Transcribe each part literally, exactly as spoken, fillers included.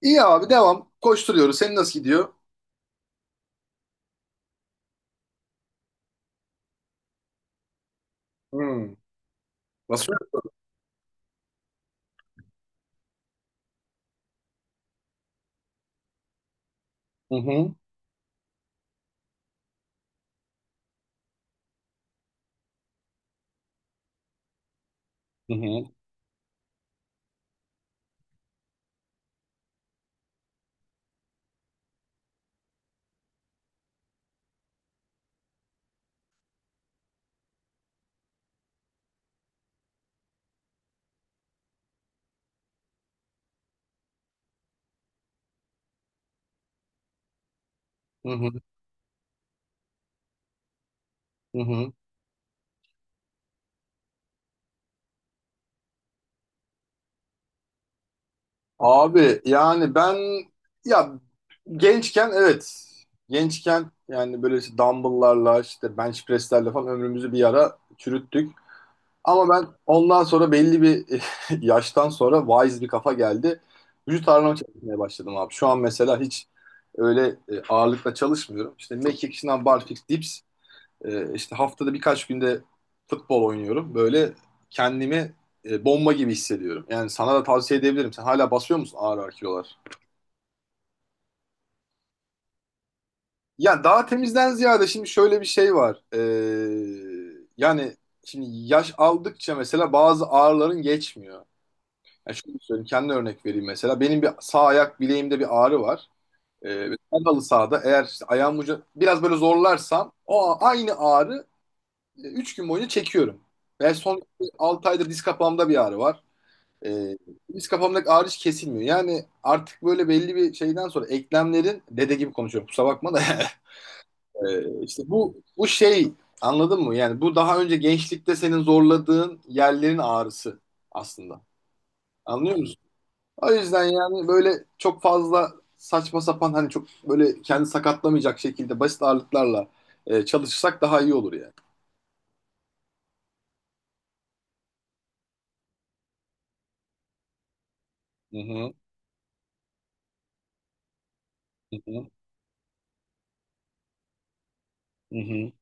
İyi abi devam. Koşturuyoruz. Senin nasıl gidiyor? Hmm. Nasıl? Hı hı, hı hı, hı hı, hı hı. Abi yani ben ya gençken evet gençken yani böyle işte dumbbell'larla işte bench press'lerle falan ömrümüzü bir ara çürüttük. Ama ben ondan sonra belli bir yaştan sonra wise bir kafa geldi. Vücut ağırlama çalışmaya başladım abi. Şu an mesela hiç öyle e, ağırlıkla çalışmıyorum. İşte mekik, şınav, barfix, dips. E, işte haftada birkaç günde futbol oynuyorum. Böyle kendimi e, bomba gibi hissediyorum. Yani sana da tavsiye edebilirim. Sen hala basıyor musun ağır ağır kilolar? Yani daha temizden ziyade şimdi şöyle bir şey var. E, yani şimdi yaş aldıkça mesela bazı ağrıların geçmiyor. Yani şöyle söyleyeyim, kendi örnek vereyim mesela. Benim bir sağ ayak bileğimde bir ağrı var. Ee, ve ben halı sahada eğer işte ayağım ucu biraz böyle zorlarsam o a- aynı ağrı Üç gün boyunca çekiyorum. Ve son altı aydır diz kapağımda bir ağrı var. Ee, diz kapağımdaki ağrı hiç kesilmiyor. Yani artık böyle belli bir şeyden sonra eklemlerin dede gibi konuşuyorum kusura bakma da Ee, işte bu bu şey, anladın mı? Yani bu daha önce gençlikte senin zorladığın yerlerin ağrısı aslında. Anlıyor musun? O yüzden yani böyle çok fazla saçma sapan hani çok böyle kendi sakatlamayacak şekilde basit ağırlıklarla e, çalışırsak daha iyi olur yani. Hı hı, hı hı, hı hı.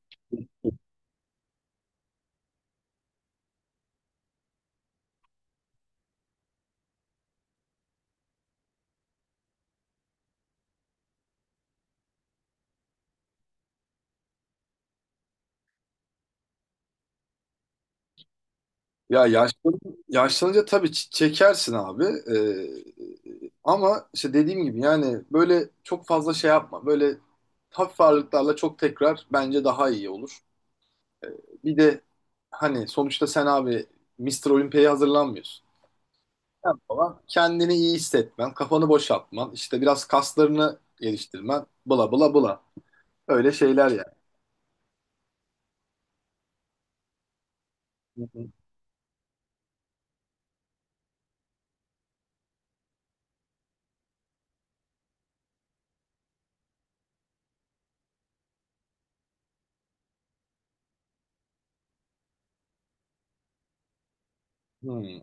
Ya yaşlan, yaşlanınca tabii ç- çekersin abi. Ee, ama işte dediğim gibi yani böyle çok fazla şey yapma. Böyle hafif ağırlıklarla çok tekrar bence daha iyi olur. Bir de hani sonuçta sen abi Mister Olympia'ya hazırlanmıyorsun. Sen falan kendini iyi hissetmen, kafanı boşaltman, işte biraz kaslarını geliştirmen, bla bla bla. Öyle şeyler yani. Hı hı. Hmm.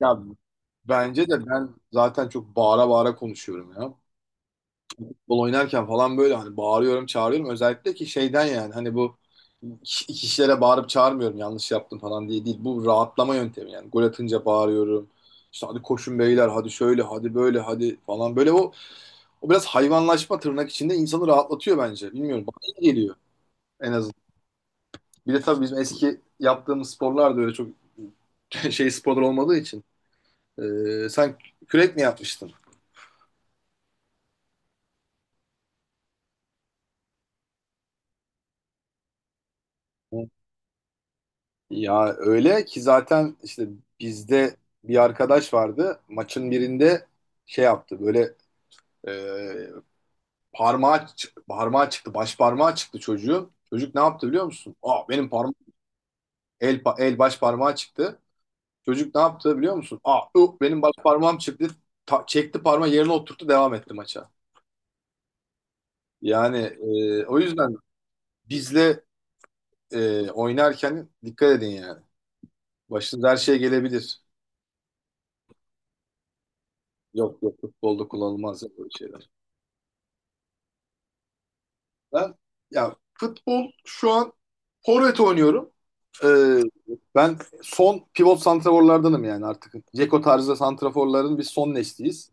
Ya bence de ben zaten çok bağıra bağıra konuşuyorum ya. Futbol oynarken falan böyle hani bağırıyorum, çağırıyorum. Özellikle ki şeyden yani hani bu ki- kişilere bağırıp çağırmıyorum yanlış yaptım falan diye değil. Bu rahatlama yöntemi yani. Gol atınca bağırıyorum. İşte hadi koşun beyler, hadi şöyle, hadi böyle, hadi falan. Böyle o, o biraz hayvanlaşma tırnak içinde insanı rahatlatıyor bence. Bilmiyorum bana iyi geliyor en azından. Bir de tabii bizim eski yaptığımız sporlar da öyle çok şey sporlar olmadığı için. Ee, sen kürek mi yapmıştın? Ya öyle ki zaten işte bizde bir arkadaş vardı. Maçın birinde şey yaptı. Böyle e, parmağı çı- parmağı çıktı. Baş parmağı çıktı çocuğun. Çocuk ne yaptı biliyor musun? Aa benim parmağım el pa- el baş parmağı çıktı. Çocuk ne yaptı biliyor musun? Aa uh, benim baş parmağım çıktı. Ta- çekti parmağı yerine oturttu devam etti maça. Yani e, o yüzden bizle e, oynarken dikkat edin yani. Başınıza her şey gelebilir. Yok yok futbolda kullanılmaz ya böyle şey. Ben ya futbol şu an forvet oynuyorum. Ee, ben son pivot santraforlardanım yani artık. Ceko tarzı santraforların biz son nesliyiz.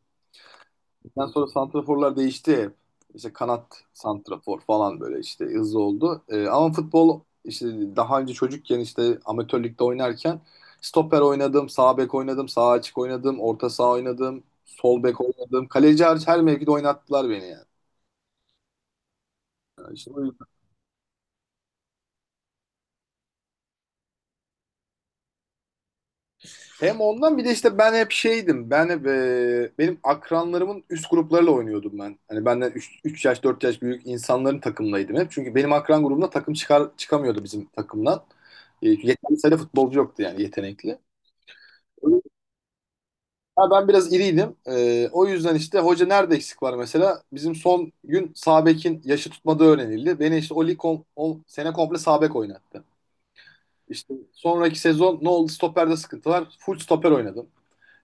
Ondan sonra santraforlar değişti hep. İşte kanat santrafor falan böyle işte hızlı oldu. Ee, ama futbol işte daha önce çocukken işte amatör ligde oynarken stoper oynadım, sağ bek oynadım, sağ açık oynadım, orta saha oynadım, sol bek oynadım. Kaleci hariç her mevkide oynattılar beni yani. İşte o Hem ondan bir de işte ben hep şeydim. Ben hep e, benim akranlarımın üst gruplarıyla oynuyordum ben. Hani benden üç yaş dört yaş büyük insanların takımlaydım hep. Çünkü benim akran grubumda takım çıkar çıkamıyordu bizim takımdan. E, yeterli sayıda futbolcu yoktu yani yetenekli. Ha, ben biraz iriydim. E, o yüzden işte hoca nerede eksik var mesela? Bizim son gün sağ bekin yaşı tutmadığı öğrenildi. Beni işte o lig kom- o sene komple sağ bek oynattı. İşte sonraki sezon ne oldu? Stoperde sıkıntı var. Full stoper oynadım.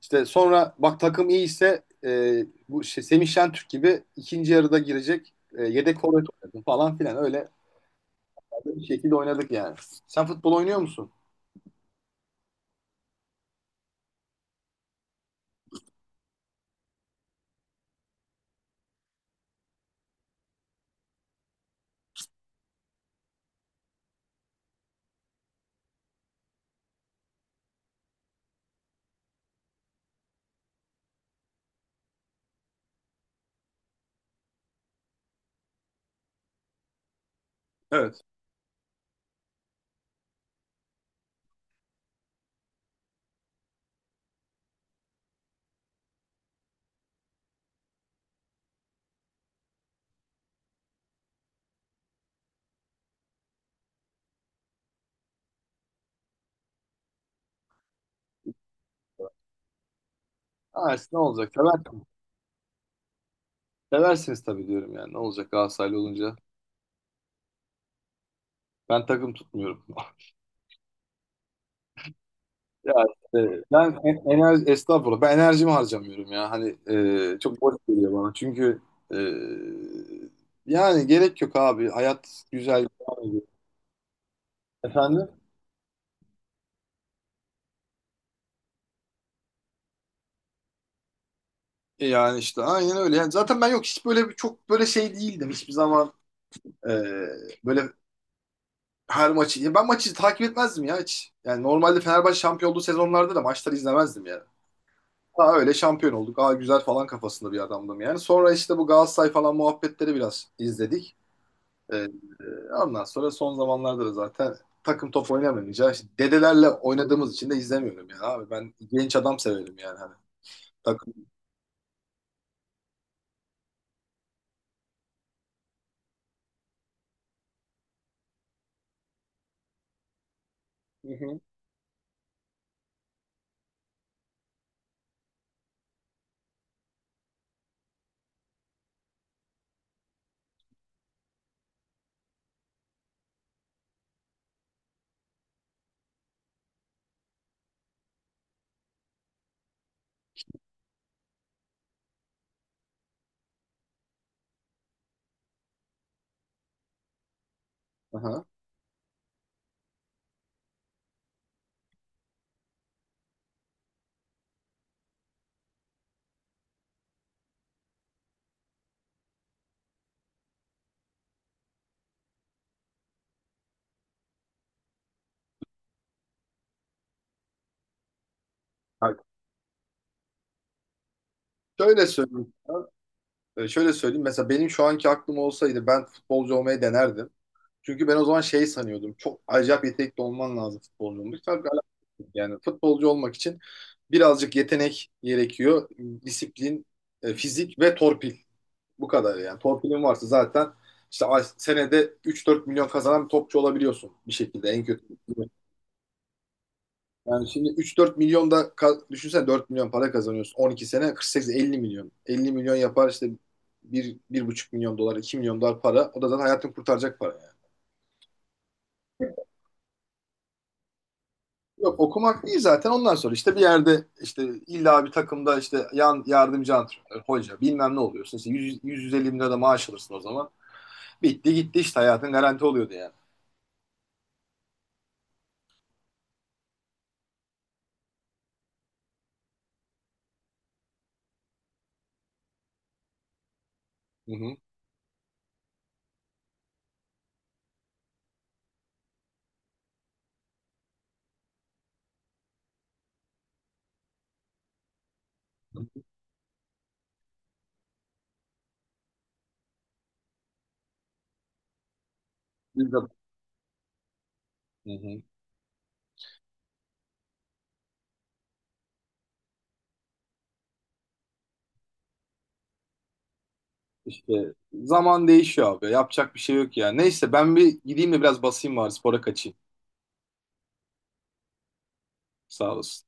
İşte sonra bak takım iyi ise e, bu şey, Semih Şentürk gibi ikinci yarıda girecek e, yedek forvet oynadım falan filan öyle bir şekilde oynadık yani. Sen futbol oynuyor musun? Evet. Ha, işte ne olacak? Sever, seversiniz tabii diyorum yani. Ne olacak Galatasaraylı olunca? Ben takım tutmuyorum. Ya işte ben en- enerji, estağfurullah ben enerjimi harcamıyorum ya. Hani e, çok boş geliyor bana. Çünkü e, yani gerek yok abi. Hayat güzel. Devam ediyor. Efendim? Yani işte aynen öyle. Yani zaten ben yok hiç böyle bir- çok böyle şey değildim hiçbir zaman. Ee, böyle her maçı. Ya ben maçı takip etmezdim ya hiç. Yani normalde Fenerbahçe şampiyon olduğu sezonlarda da maçları izlemezdim yani. Daha öyle şampiyon olduk. Aa güzel falan kafasında bir adamdım yani. Sonra işte bu Galatasaray falan muhabbetleri biraz izledik. Ee, ondan sonra son zamanlarda da zaten takım top oynamayınca işte dedelerle oynadığımız için de izlemiyorum yani abi. Ben genç adam severim yani hani. Takım. Hı hı. Aha. Bak, şöyle söyleyeyim. E, şöyle söyleyeyim. Mesela benim şu anki aklım olsaydı ben futbolcu olmayı denerdim. Çünkü ben o zaman şey sanıyordum. Çok acayip yetenekli olman lazım futbolcu olmak. Tabii alakası yok. Yani futbolcu olmak için birazcık yetenek gerekiyor. Disiplin, e, fizik ve torpil. Bu kadar yani. Torpilin varsa zaten işte ay- senede üç dört milyon kazanan bir topçu olabiliyorsun bir şekilde en kötü. Yani şimdi üç dört milyon da ka- düşünsene dört milyon para kazanıyorsun. On iki sene kırk sekiz elli milyon. elli milyon yapar işte bir bir buçuk milyon dolar, iki milyon dolar para. O da zaten hayatını kurtaracak para yani. Yok okumak değil zaten ondan sonra işte bir yerde işte illa bir takımda işte yan yardımcı antrenör, hoca bilmem ne oluyorsun. İşte yüz, yüz elli bin lira da maaş alırsın o zaman. Bitti gitti işte hayatın garanti oluyordu yani. Hı hı. Bir de- Hı hı. İşte zaman değişiyor abi. Yapacak bir şey yok ya. Neyse ben bir gideyim de biraz basayım var spora kaçayım. Sağ olasın.